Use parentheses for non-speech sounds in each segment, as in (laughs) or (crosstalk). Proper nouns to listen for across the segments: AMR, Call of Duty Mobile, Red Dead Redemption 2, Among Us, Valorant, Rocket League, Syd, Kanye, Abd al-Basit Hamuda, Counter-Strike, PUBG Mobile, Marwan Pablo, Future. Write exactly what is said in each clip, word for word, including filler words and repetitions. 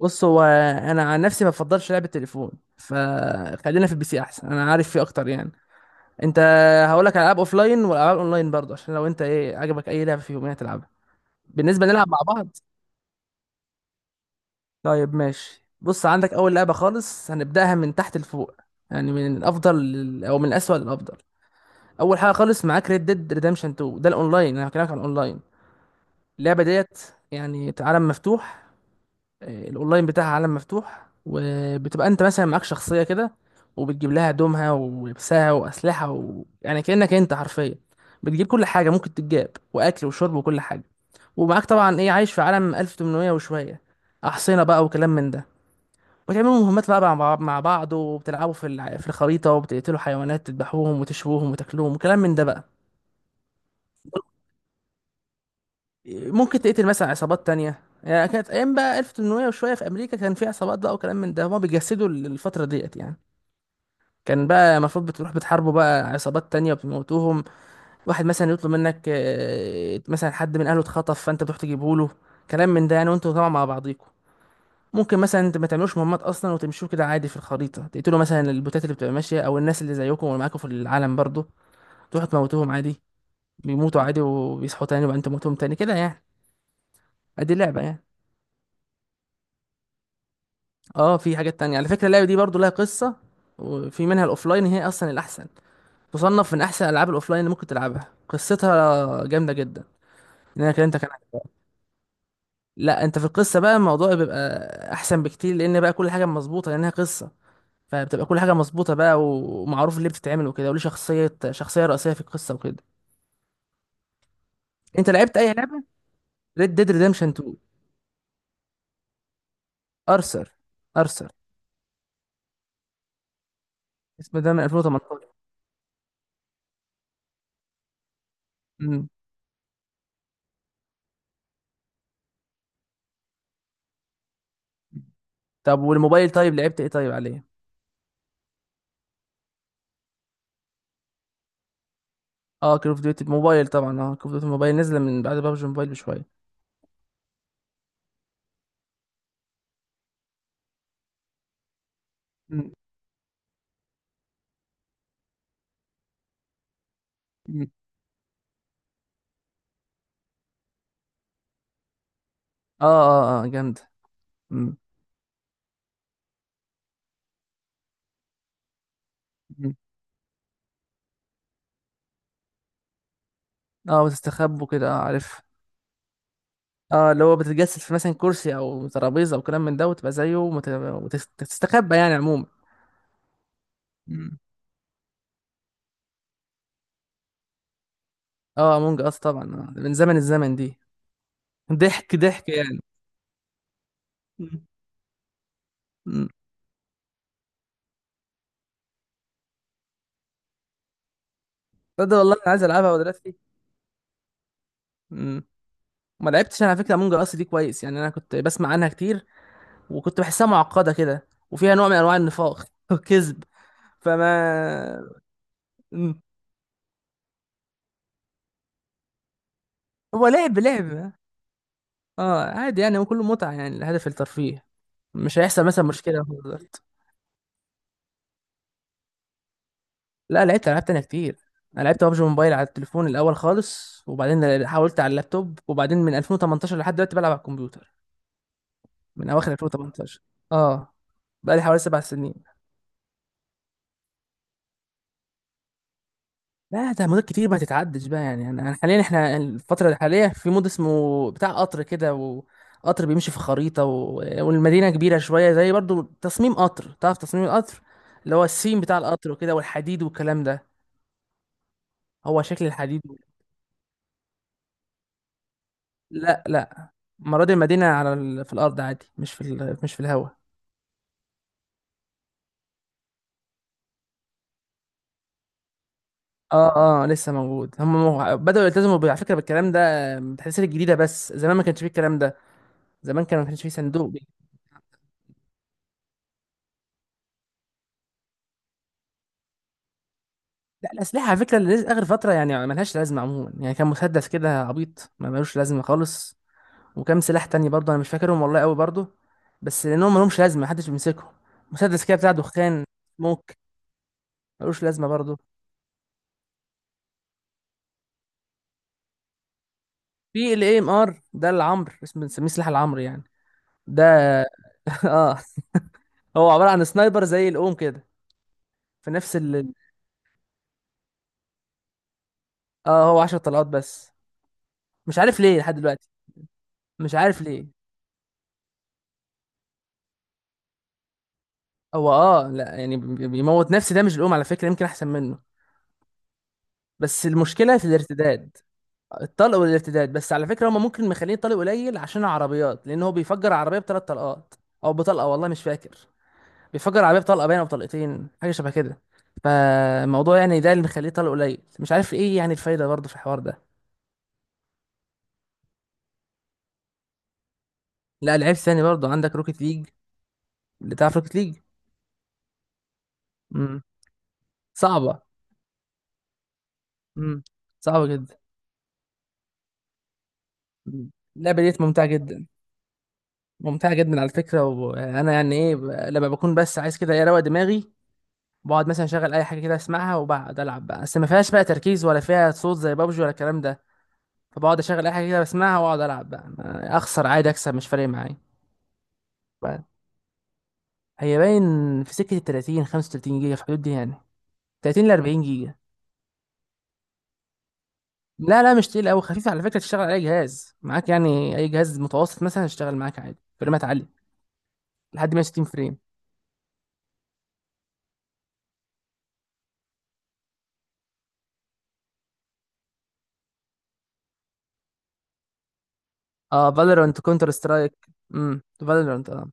بص هو انا عن نفسي ما بفضلش لعب التليفون. فخلينا في البي سي احسن، انا عارف فيه اكتر يعني. انت؟ هقولك على العاب لاين والعاب اونلاين برضه عشان لو انت ايه عجبك اي لعبه فيهم يعني تلعبها. بالنسبه نلعب مع بعض، طيب ماشي. بص، عندك اول لعبه خالص هنبداها من تحت لفوق، يعني من الافضل لل- او من الاسوأ للافضل. اول حاجه خالص معاك ريد ديد ريدمشن اتنين. ده الاونلاين، انا هكلمك عن الاونلاين. اللعبه ديت يعني عالم مفتوح. آه، الاونلاين بتاعها عالم مفتوح، وبتبقى انت مثلا معاك شخصيه كده، وبتجيب لها هدومها ولبسها واسلحه و... يعني كانك انت حرفيا بتجيب كل حاجه ممكن تتجاب، واكل وشرب وكل حاجه. ومعاك طبعا ايه عايش في عالم ألف وتمنمية وشويه، احصنه بقى وكلام من ده. وتعملوا مهمات بقى مع بعض، مع بعض وبتلعبوا في الع- في الخريطه، وبتقتلوا حيوانات تذبحوهم وتشووهم وتاكلوهم وكلام من ده بقى. ممكن تقتل مثلا عصابات تانية، يعني كانت أيام بقى ألف وتمنمية وشوية في أمريكا، كان في عصابات بقى وكلام من ده، هما بيجسدوا الفترة ديت يعني. كان بقى المفروض بتروح بتحاربوا بقى عصابات تانية وبتموتوهم. واحد مثلا يطلب منك، آه، مثلا حد من أهله اتخطف فأنت بتروح تجيبه له، كلام من ده يعني. وأنتوا طبعا مع بعضيكوا ممكن مثلا انت ما تعملوش مهمات اصلا وتمشوا كده عادي في الخريطه، تقتلوا مثلا البوتات اللي بتبقى ماشيه، او الناس اللي زيكم واللي معاكم في العالم برضو تروحوا تموتوهم عادي. بيموتوا عادي وبيصحوا تاني، وبعدين تموتوهم تاني كده يعني. ادي لعبه يعني. اه في حاجات تانية على فكرة، اللعبة دي برضو لها قصة. وفي منها الأوفلاين، هي أصلا الأحسن، تصنف من أحسن ألعاب الأوفلاين اللي ممكن تلعبها، قصتها جامدة جدا. إن أنا كلمتك عنها؟ لا، أنت في القصة بقى الموضوع بيبقى أحسن بكتير، لأن بقى كل حاجة مظبوطة لأنها قصة. فبتبقى كل حاجة مظبوطة بقى، ومعروف اللي بتتعمل وكده، وليه شخصية، شخصية رئيسية في القصة وكده. أنت لعبت أي لعبة؟ ريد ديد ريدمشن اتنين. أرثر، أرثر. اسمه ده من ألفين وتمنتاشر. مم. طب والموبايل طيب لعبت إيه طيب عليه؟ اه كول اوف ديوتي موبايل طبعا. اه كول اوف ديوتي موبايل نزل من بعد بابجي موبايل بشويه. مم. مم. اه اه اه، جامده. مم. مم. اه وتستخبوا كده، اه عارف. اه، اللي هو بتتجسد في مثلا كرسي او ترابيزه او كلام من ده، وتبقى زيه ومت- وتستخبى يعني عموما. مم. اه امونج اس طبعا، آه. من زمن الزمن دي. ضحك ضحك يعني. مم. امم تصدق والله انا عايز العبها دلوقتي. امم ما لعبتش انا على فكره امونج اس دي كويس، يعني انا كنت بسمع عنها كتير، وكنت بحسها معقده كده وفيها نوع من انواع النفاق (laughs) والكذب. فما... مم. هو لعب لعب. اه عادي يعني، هو كله متعة، يعني الهدف الترفيه. مش هيحصل مثلا مشكلة في الوقت. لا، لعبت ألعاب تانية كتير. أنا لعبت ببجي موبايل على التليفون الأول خالص، وبعدين حاولت على اللابتوب، وبعدين من ألفين وتمنتاشر لحد دلوقتي بلعب على الكمبيوتر. من أواخر ألفين وتمنتاشر. اه، بقالي حوالي سبع سنين. لا، ده مدة كتير ما تتعدش بقى يعني. انا أنا حاليا، احنا الفترة الحالية في مود اسمه بتاع قطر كده، وقطر بيمشي في خريطة و... والمدينة كبيرة شوية، زي برضو تصميم قطر، تعرف تصميم القطر؟ اللي هو السيم بتاع القطر وكده، والحديد والكلام ده. هو شكل الحديد. لا لا، مرة دي المدينة على ال... في الأرض عادي، مش في ال... مش في الهواء. اه اه، لسه موجود. هم مو- بدأوا يلتزموا ب- على فكرة بالكلام ده، بالتحديثات الجديدة. بس زمان ما كانش فيه الكلام ده، زمان كان ما كانش فيه صندوق. لا، الأسلحة على فكرة اللي آخر فترة يعني ملهاش لازمة عموما. يعني كان مسدس كده عبيط ما ملوش لازمة خالص، وكام سلاح تاني برضه أنا مش فاكرهم والله أوي برضه، بس لأنهم ملهمش لازمة محدش بيمسكهم. مسدس كده بتاع دخان، موك، ملوش لازمة برضه. في ال A M R ده، العمر، اسمه، بنسميه سلاح العمر يعني. ده (laughs) اه، هو عبارة عن سنايبر زي الأوم كده. في نفس ال... اه هو عشرة طلقات بس، مش عارف ليه لحد دلوقتي. مش عارف ليه. هو اه لا يعني بي- بيموت نفسي، ده مش الأوم، على فكرة يمكن أحسن منه، بس المشكله في الارتداد. الطلق والارتداد. بس على فكره هما ممكن مخلين طلق قليل عشان العربيات، لان هو بيفجر عربيه بثلاث طلقات او بطلقه، والله مش فاكر، بيفجر عربيه بطلقه باينه او بطلقتين حاجه شبه كده. فالموضوع يعني ده اللي مخليه طلق قليل، مش عارف ايه يعني الفايده برضه في الحوار ده. لا لعيب ثاني برضه، عندك روكيت ليج، اللي تعرف روكيت ليج. امم صعبه. امم صعبه جدا. مم. اللعبه ديت ممتعه جدا، ممتعه جدا على فكره. وانا يعني ايه ب- لما بكون بس عايز كده ايه اروق دماغي، بقعد مثلا اشغل اي حاجه كده اسمعها، وبقعد العب بقى، بس ما فيهاش بقى تركيز ولا فيها صوت زي بابجي ولا الكلام ده. فبقعد اشغل اي حاجه كده بسمعها واقعد العب بقى، ما- اخسر عادي اكسب مش فارق معايا بقى. هي باين في سكه ال تلاتين خمسة وتلاتين جيجا، في الحدود دي يعني، تلاتين ل اربعين جيجا. لا لا، مش تقيل قوي، خفيف على فكره، تشتغل على اي جهاز معاك، يعني اي جهاز متوسط مثلا يشتغل معاك عادي فريمات عاليه لحد مية وستين فريم. اه فالورانت، كونتر سترايك. امم فالورانت،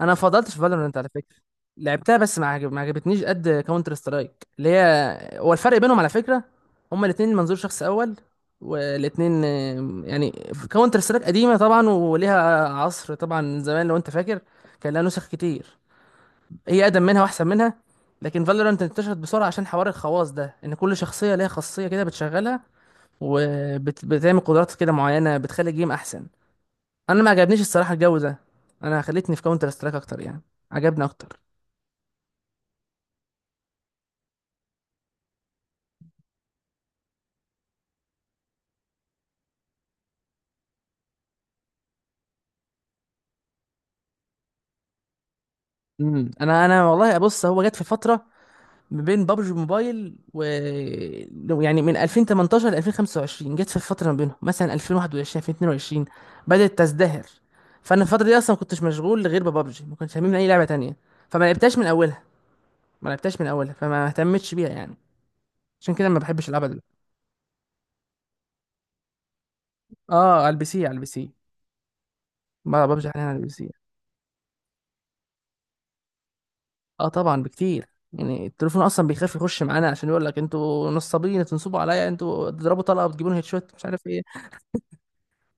انا فضلت في فالورنت على فكره. لعبتها بس ما عجب- ما عجبتنيش قد كاونتر سترايك. اللي هي هو الفرق بينهم على فكره، هما الاثنين منظور شخص اول، والاثنين يعني، كاونتر سترايك قديمه طبعا وليها عصر طبعا زمان لو انت فاكر، كان لها نسخ كتير، هي اقدم منها واحسن منها. لكن فالورانت انتشرت بسرعه عشان حوار الخواص ده، ان كل شخصيه ليها خاصيه كده بتشغلها وبتعمل قدرات كده معينه بتخلي الجيم احسن. انا ما عجبنيش الصراحه الجو ده، انا خلتني في كاونتر سترايك اكتر يعني، عجبني اكتر. امم انا انا والله. بص، هو جت في فتره ما بين بابجي موبايل و... لو- يعني من ألفين وتمنتاشر ل ألفين وخمسة وعشرين جت في فتره ما بينهم مثلا ألفين وواحد وعشرين ألفين واتنين وعشرين بدات تزدهر. فانا الفتره دي اصلا ما كنتش مشغول غير ببجي، ما كنتش هممني اي لعبه تانية، فما لعبتهاش من اولها. ما لعبتهاش من اولها فما اهتمتش بيها يعني، عشان كده ما بحبش العبها دلوقتي. اه على البي سي، على البي سي. بقى ببجي حاليا على البي سي. اه طبعا بكتير، يعني التليفون اصلا بيخاف يخش معانا، عشان يقول لك انتوا نصابين تنصبوا عليا، انتوا تضربوا طلقه وتجيبون هيد شوت مش عارف ايه.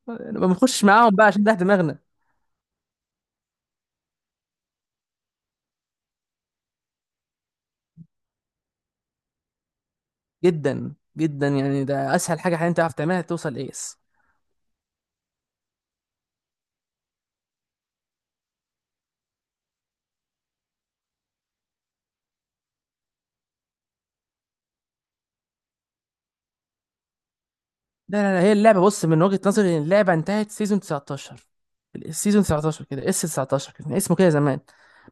ما بنخشش معاهم بقى، عشان ده دماغنا. جدا جدا يعني، ده اسهل حاجه حاليا تعرف تعملها توصل ايس. لا لا لا، هي اللعبه بص من وجهه نظري إن اللعبه انتهت سيزون تسعة عشر. السيزون تسعتاشر كده، اس تسعتاشر كان اسمه كده زمان.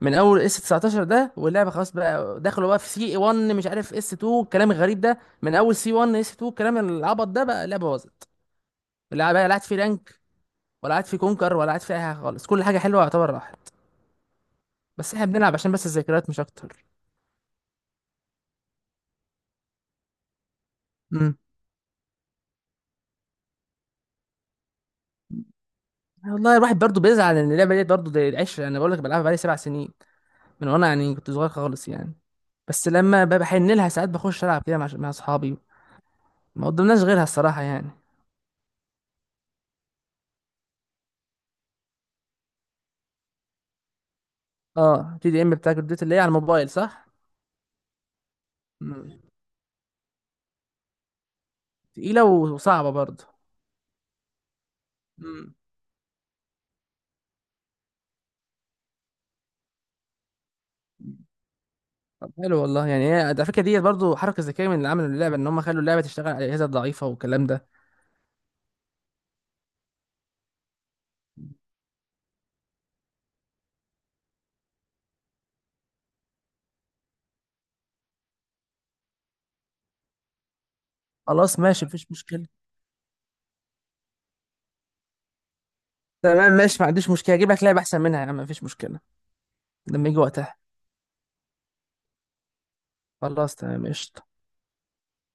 من اول اس تسعتاشر ده واللعبه خلاص، بقى دخلوا بقى في سي واحد مش عارف اس اتنين الكلام الغريب ده، من اول سي واحد اس اتنين الكلام العبط ده بقى اللعبه باظت. لا بقى، لا قعدت في رانك، ولا قعدت في كونكر، ولا قعدت في اي حاجه خالص، كل حاجه حلوه يعتبر راحت، بس احنا بنلعب عشان بس الذكريات مش اكتر. مم. والله الواحد برضه بيزعل ان اللعبه ديت برضه دي العشره، انا بقول لك بلعبها بقالي سبع سنين، من وانا يعني كنت صغير خالص يعني. بس لما ب- بحن لها ساعات بخش العب كده مع مع اصحابي، ما قدمناش غيرها الصراحه يعني. اه تي دي ام بتاع كول اوف ديوتي، اللي هي على الموبايل صح؟ مم. تقيله وصعبه برضه. مم. طب حلو والله يعني، هي على فكره ديت برضه حركه ذكيه من اللي عملوا اللعبه، ان هم خلوا اللعبه تشتغل على الاجهزه الضعيفه والكلام ده. خلاص ماشي، مفيش مشكله. تمام ماشي، ما عنديش مشكله، اجيب لك لعبه احسن منها يا عم، مفيش مشكله. لما يجي وقتها. خلاص تمام، قشطه.